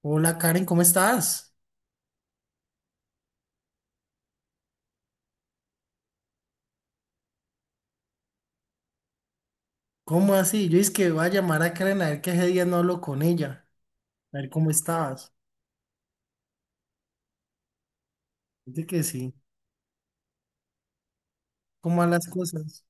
Hola Karen, ¿cómo estás? ¿Cómo así? Yo es que voy a llamar a Karen a ver que ese día no hablo con ella, a ver cómo estabas. Dice que sí, ¿cómo van las cosas?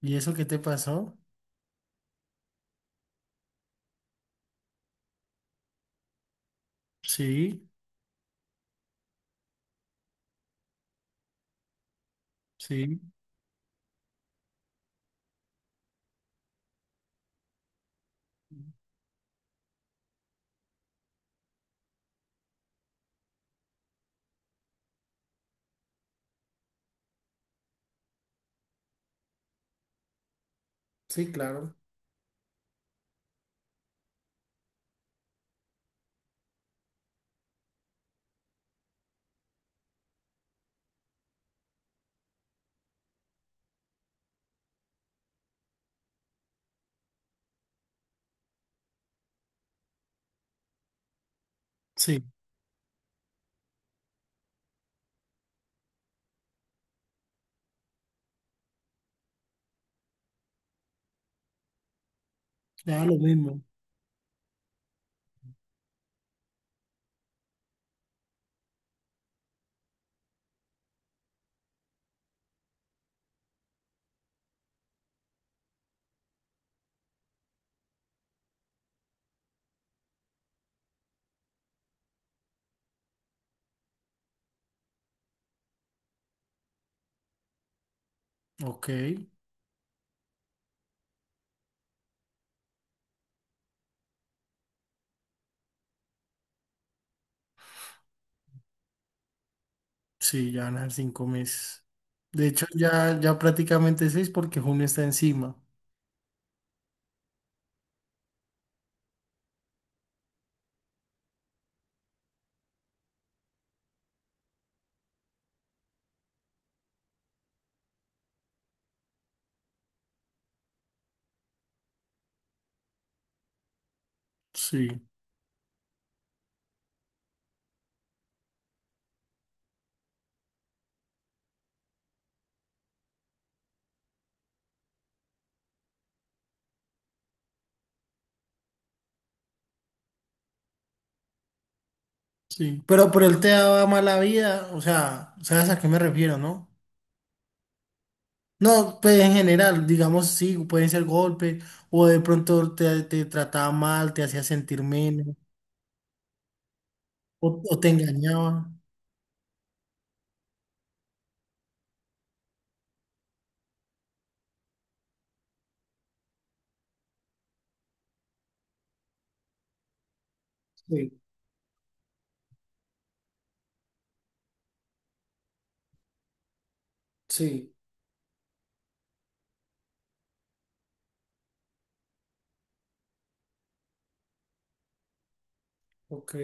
¿Y eso qué te pasó? Sí, sí, sí, claro. Sí, ya lo mismo. Ok, sí, ya van a ser 5 meses. De hecho, ya, ya prácticamente seis porque junio está encima. Sí, sí. Pero él te daba mala vida, o sea, ¿sabes a qué me refiero, no? No, pues en general, digamos, sí, pueden ser golpes, o de pronto te trataba mal, te hacía sentir menos, o te engañaba. Sí, sí, ok.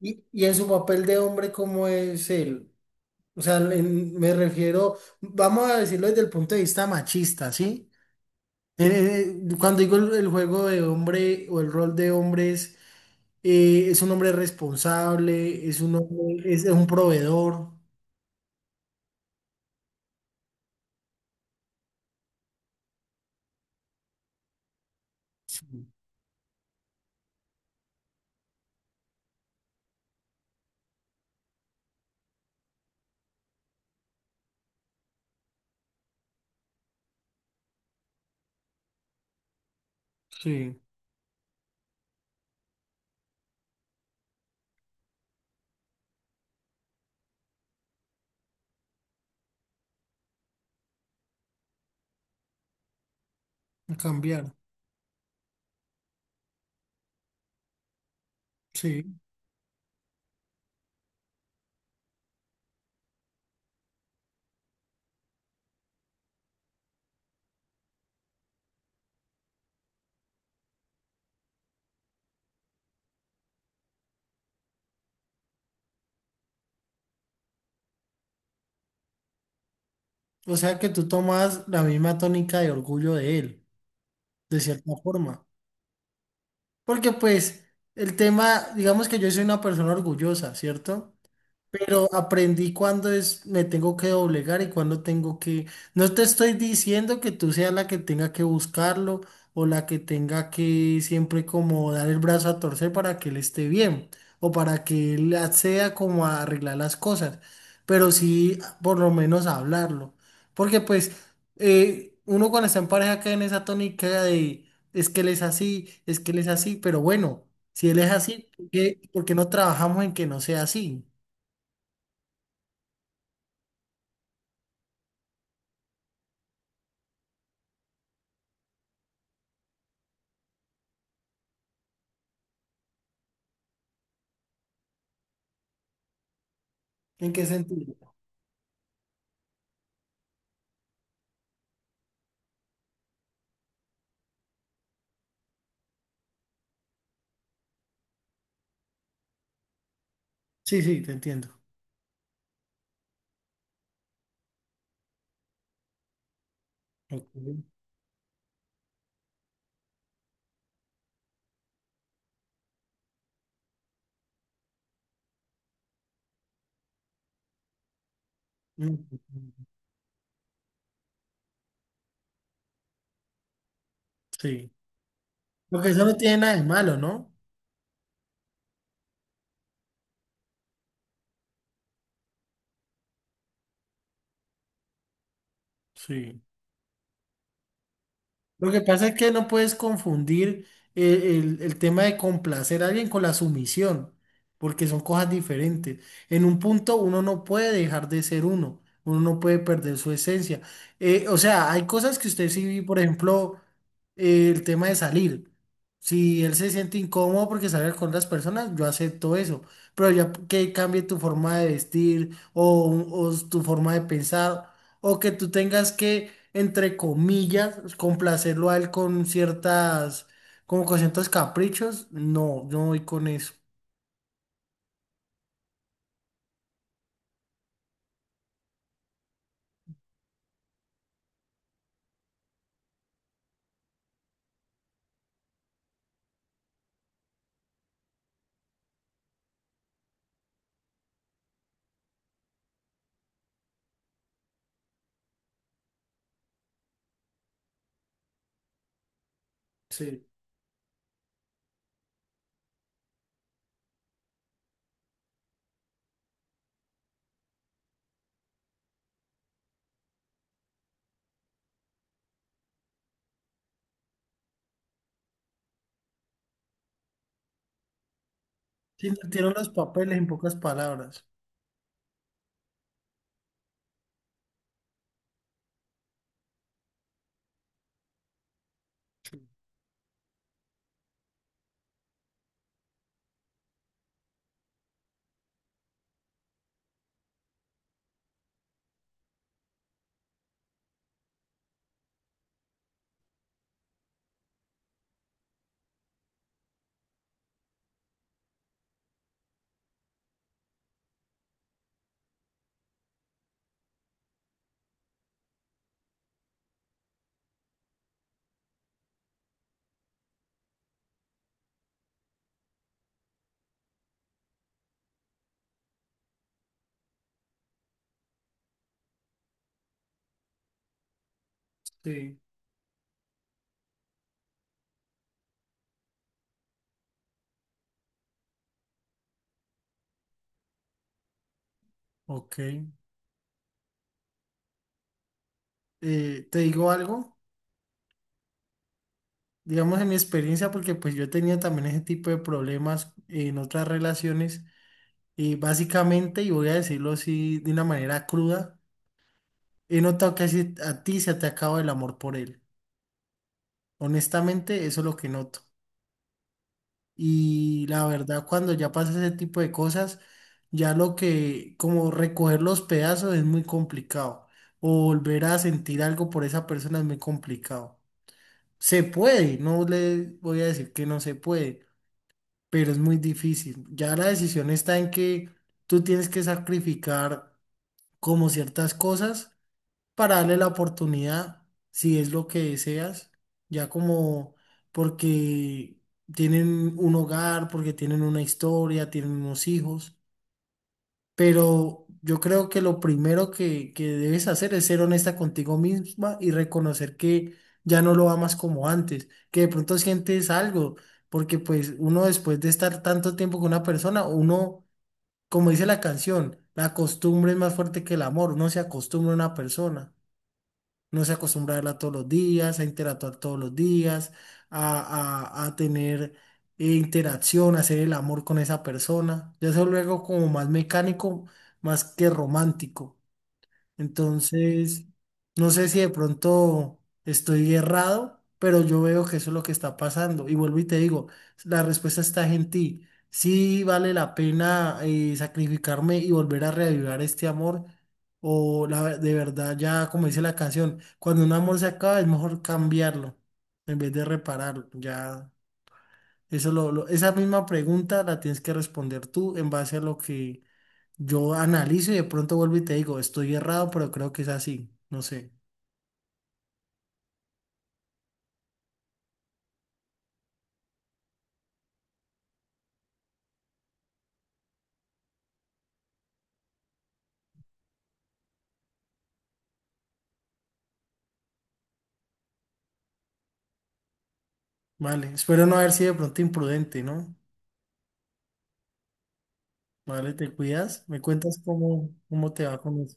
Y en su papel de hombre, cómo es él? O sea, me refiero, vamos a decirlo desde el punto de vista machista, ¿sí? Cuando digo el juego de hombre o el rol de hombre es un hombre responsable, es un hombre, es un proveedor. Sí, sí, a cambiar. Sí, o sea que tú tomas la misma tónica de orgullo de él, de cierta forma. Porque pues el tema, digamos que yo soy una persona orgullosa, ¿cierto? Pero aprendí cuándo es, me tengo que doblegar y cuándo tengo que... No te estoy diciendo que tú seas la que tenga que buscarlo o la que tenga que siempre como dar el brazo a torcer para que él esté bien o para que él acceda como a arreglar las cosas, pero sí por lo menos hablarlo. Porque pues uno cuando está en pareja cae en esa tónica de es que él es así, es que él es así, pero bueno, si él es así, por qué no trabajamos en que no sea así? ¿En qué sentido? Sí, sí, te entiendo. Ok. Mm, mm, mm. Sí. Porque eso no tiene nada de malo, ¿no? Sí. Lo que pasa es que no puedes confundir el tema de complacer a alguien con la sumisión, porque son cosas diferentes. En un punto uno no puede dejar de ser uno, uno no puede perder su esencia. O sea, hay cosas que usted sí, por ejemplo, el tema de salir. Si él se siente incómodo porque sale con otras personas, yo acepto eso. Pero ya que cambie tu forma de vestir o tu forma de pensar, o que tú tengas que entre comillas, complacerlo a él con ciertas, como con ciertos caprichos, no, yo no voy con eso. Sí, sí, invirtieron los papeles en pocas palabras. Sí, ok. Te digo algo, digamos en mi experiencia, porque pues yo he tenido también ese tipo de problemas en otras relaciones, y básicamente, y voy a decirlo así de una manera cruda, he notado que así a ti se te acaba el amor por él. Honestamente, eso es lo que noto. Y la verdad, cuando ya pasa ese tipo de cosas, ya lo que, como recoger los pedazos es muy complicado. O volver a sentir algo por esa persona es muy complicado. Se puede, no le voy a decir que no se puede, pero es muy difícil. Ya la decisión está en que tú tienes que sacrificar como ciertas cosas para darle la oportunidad, si es lo que deseas, ya como porque tienen un hogar, porque tienen una historia, tienen unos hijos, pero yo creo que lo primero que debes hacer es ser honesta contigo misma y reconocer que ya no lo amas como antes, que de pronto sientes algo, porque pues uno después de estar tanto tiempo con una persona, uno, como dice la canción, la costumbre es más fuerte que el amor, uno se acostumbra a una persona no se acostumbra a verla todos los días, a interactuar todos los días, a, a tener interacción, a hacer el amor con esa persona. Ya eso luego como más mecánico, más que romántico. Entonces, no sé si de pronto estoy errado, pero yo veo que eso es lo que está pasando. Y vuelvo y te digo, la respuesta está en ti. Si vale la pena sacrificarme y volver a reavivar este amor. O la, de verdad, ya como dice la canción, cuando un amor se acaba es mejor cambiarlo en vez de repararlo. Ya, eso lo, esa misma pregunta la tienes que responder tú en base a lo que yo analizo y de pronto vuelvo y te digo, estoy errado, pero creo que es así. No sé. Vale, espero no haber sido de pronto imprudente, ¿no? Vale, te cuidas. Me cuentas cómo, cómo te va con eso.